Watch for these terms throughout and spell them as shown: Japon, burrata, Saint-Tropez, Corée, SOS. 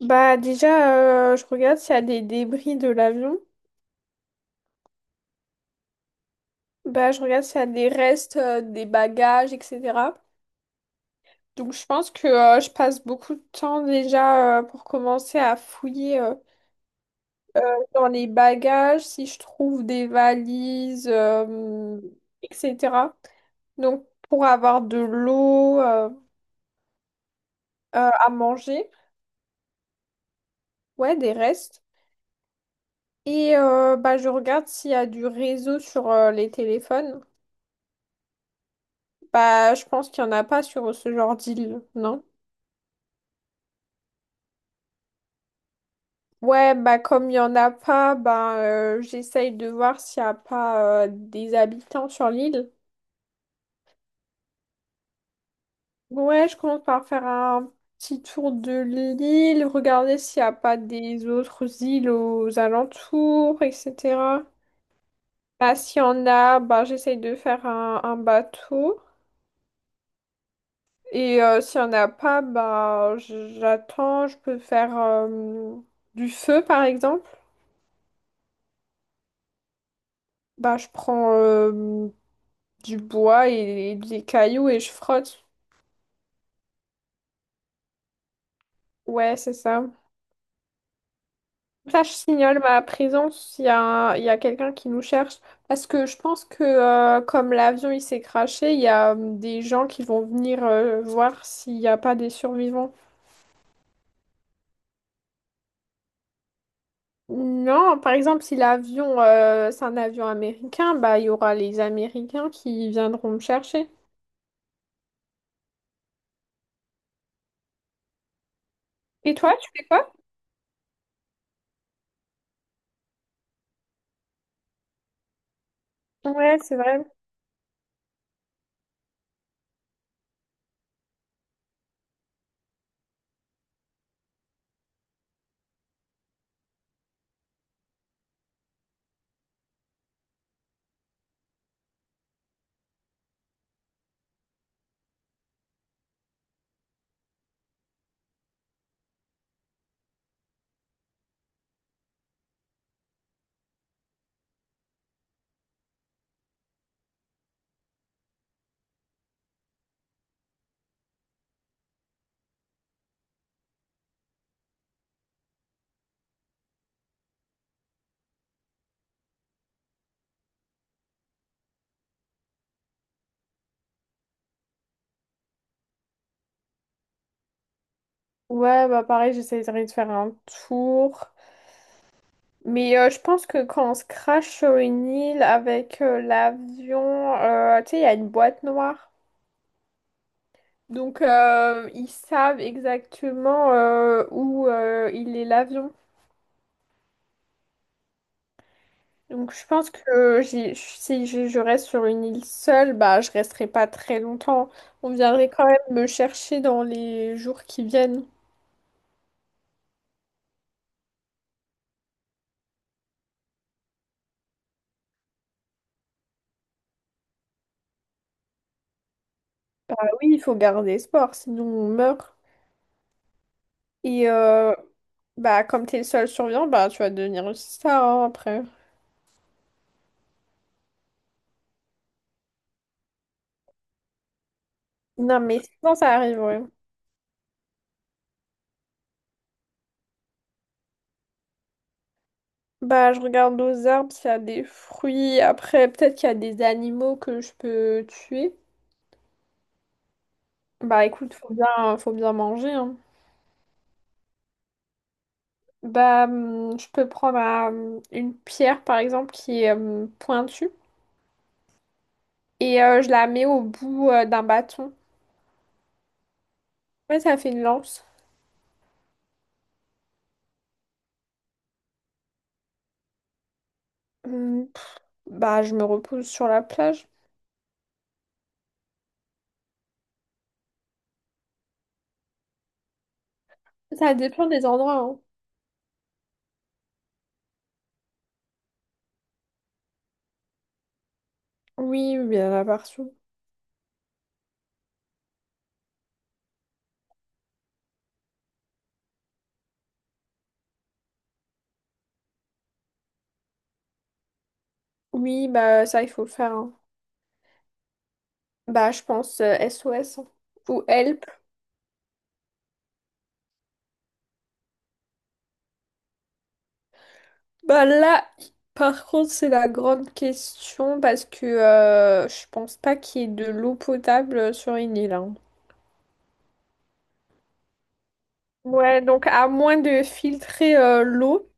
Bah déjà, je regarde s'il y a des débris de l'avion. Bah je regarde s'il y a des restes, des bagages, etc. Donc je pense que je passe beaucoup de temps déjà pour commencer à fouiller dans les bagages, si je trouve des valises, etc. Donc pour avoir de l'eau à manger, ouais, des restes. Et bah je regarde s'il y a du réseau sur les téléphones. Bah, je pense qu'il n'y en a pas sur ce genre d'île, non? Ouais, bah comme il n'y en a pas, bah, j'essaye de voir s'il n'y a pas des habitants sur l'île. Ouais, je commence par faire un petit tour de l'île, regarder s'il n'y a pas des autres îles aux alentours, etc. Bah, s'il y en a, bah, j'essaye de faire un bateau. Et s'il n'y en a pas, bah, j'attends, je peux faire du feu, par exemple. Bah, je prends du bois et des cailloux et je frotte. Ouais, c'est ça. Ça, je signale ma présence s'il y a, il y a quelqu'un qui nous cherche. Parce que je pense que comme l'avion il s'est crashé, il y a des gens qui vont venir voir s'il n'y a pas des survivants. Non, par exemple, si l'avion c'est un avion américain, bah il y aura les Américains qui viendront me chercher. Et toi, tu fais quoi? Ouais, c'est vrai. Ouais, bah pareil, j'essaierai de faire un tour. Mais je pense que quand on se crache sur une île avec l'avion, tu sais, il y a une boîte noire. Donc, ils savent exactement où il est l'avion. Donc, je pense que si je reste sur une île seule, bah, je resterai pas très longtemps. On viendrait quand même me chercher dans les jours qui viennent. Bah oui, il faut garder espoir, sinon on meurt. Et bah, comme tu es le seul survivant, bah, tu vas devenir une star hein, après. Non, mais sinon, ça arrive, ouais. Bah, je regarde aux arbres, s'il y a des fruits. Après, peut-être qu'il y a des animaux que je peux tuer. Bah, écoute, faut bien manger, hein. Bah, je peux prendre une pierre, par exemple, qui est pointue. Et je la mets au bout d'un bâton. Ouais, ça fait une lance. Hum, Bah, je me repose sur la plage. Ça dépend des endroits, hein. Oui, oui, il y en a partout. Oui, bah, ça, il faut le faire, hein. Bah, je pense SOS. Hein. Ou help. Bah là, par contre, c'est la grande question parce que je pense pas qu'il y ait de l'eau potable sur une île. Hein. Ouais, donc à moins de filtrer l'eau,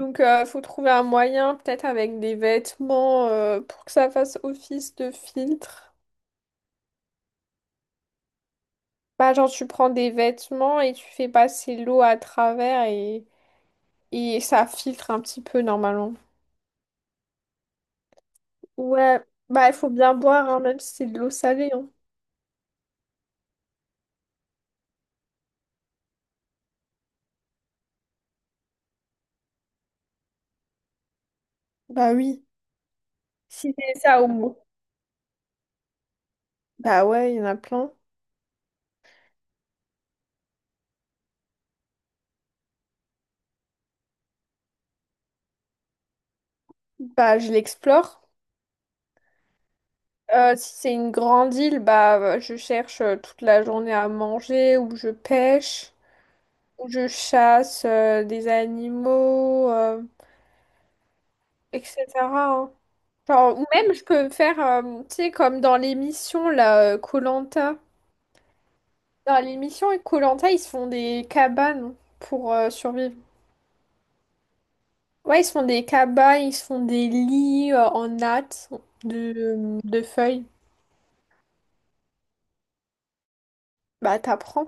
donc faut trouver un moyen, peut-être avec des vêtements pour que ça fasse office de filtre. Bah genre tu prends des vêtements et tu fais passer l'eau à travers et ça filtre un petit peu normalement. Ouais, bah il faut bien boire hein, même si c'est de l'eau salée. Hein. Bah oui. Si c'est ça au moins. Bah ouais, il y en a plein. Bah je l'explore. Si c'est une grande île, bah je cherche toute la journée à manger, ou je pêche, ou je chasse des animaux, etc. Hein. Genre, ou même je peux faire, tu sais, comme dans l'émission là, koh. Dans l'émission koh ils se font des cabanes pour survivre. Ouais, ils se font des cabanes, ils se font des lits en natte de feuilles. Bah t'apprends.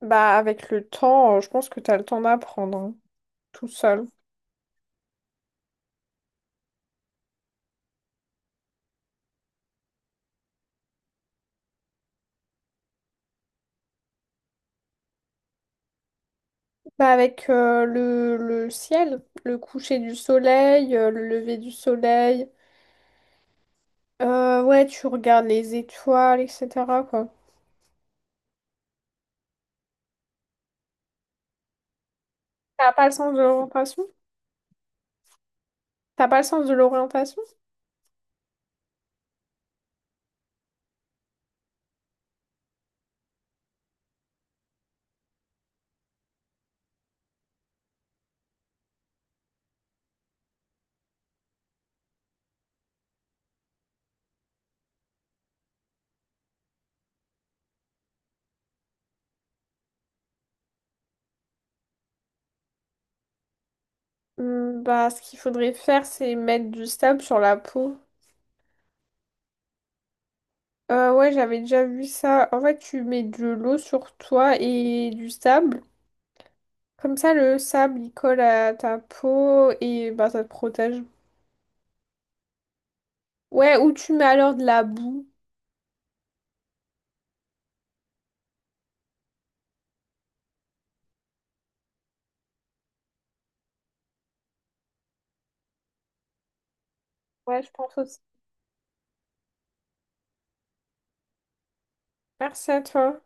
Bah, avec le temps, je pense que t'as le temps d'apprendre, hein, tout seul. Bah, avec le ciel, le coucher du soleil, le lever du soleil. Ouais, tu regardes les étoiles, etc., quoi. T'as pas le sens de l'orientation? T'as pas le sens de l'orientation? Hmm, bah, ce qu'il faudrait faire, c'est mettre du sable sur la peau. Ouais, j'avais déjà vu ça. En fait, tu mets de l'eau sur toi et du sable. Comme ça, le sable, il colle à ta peau et bah, ça te protège. Ouais, ou tu mets alors de la boue. Ouais, je pense aussi. Merci à toi.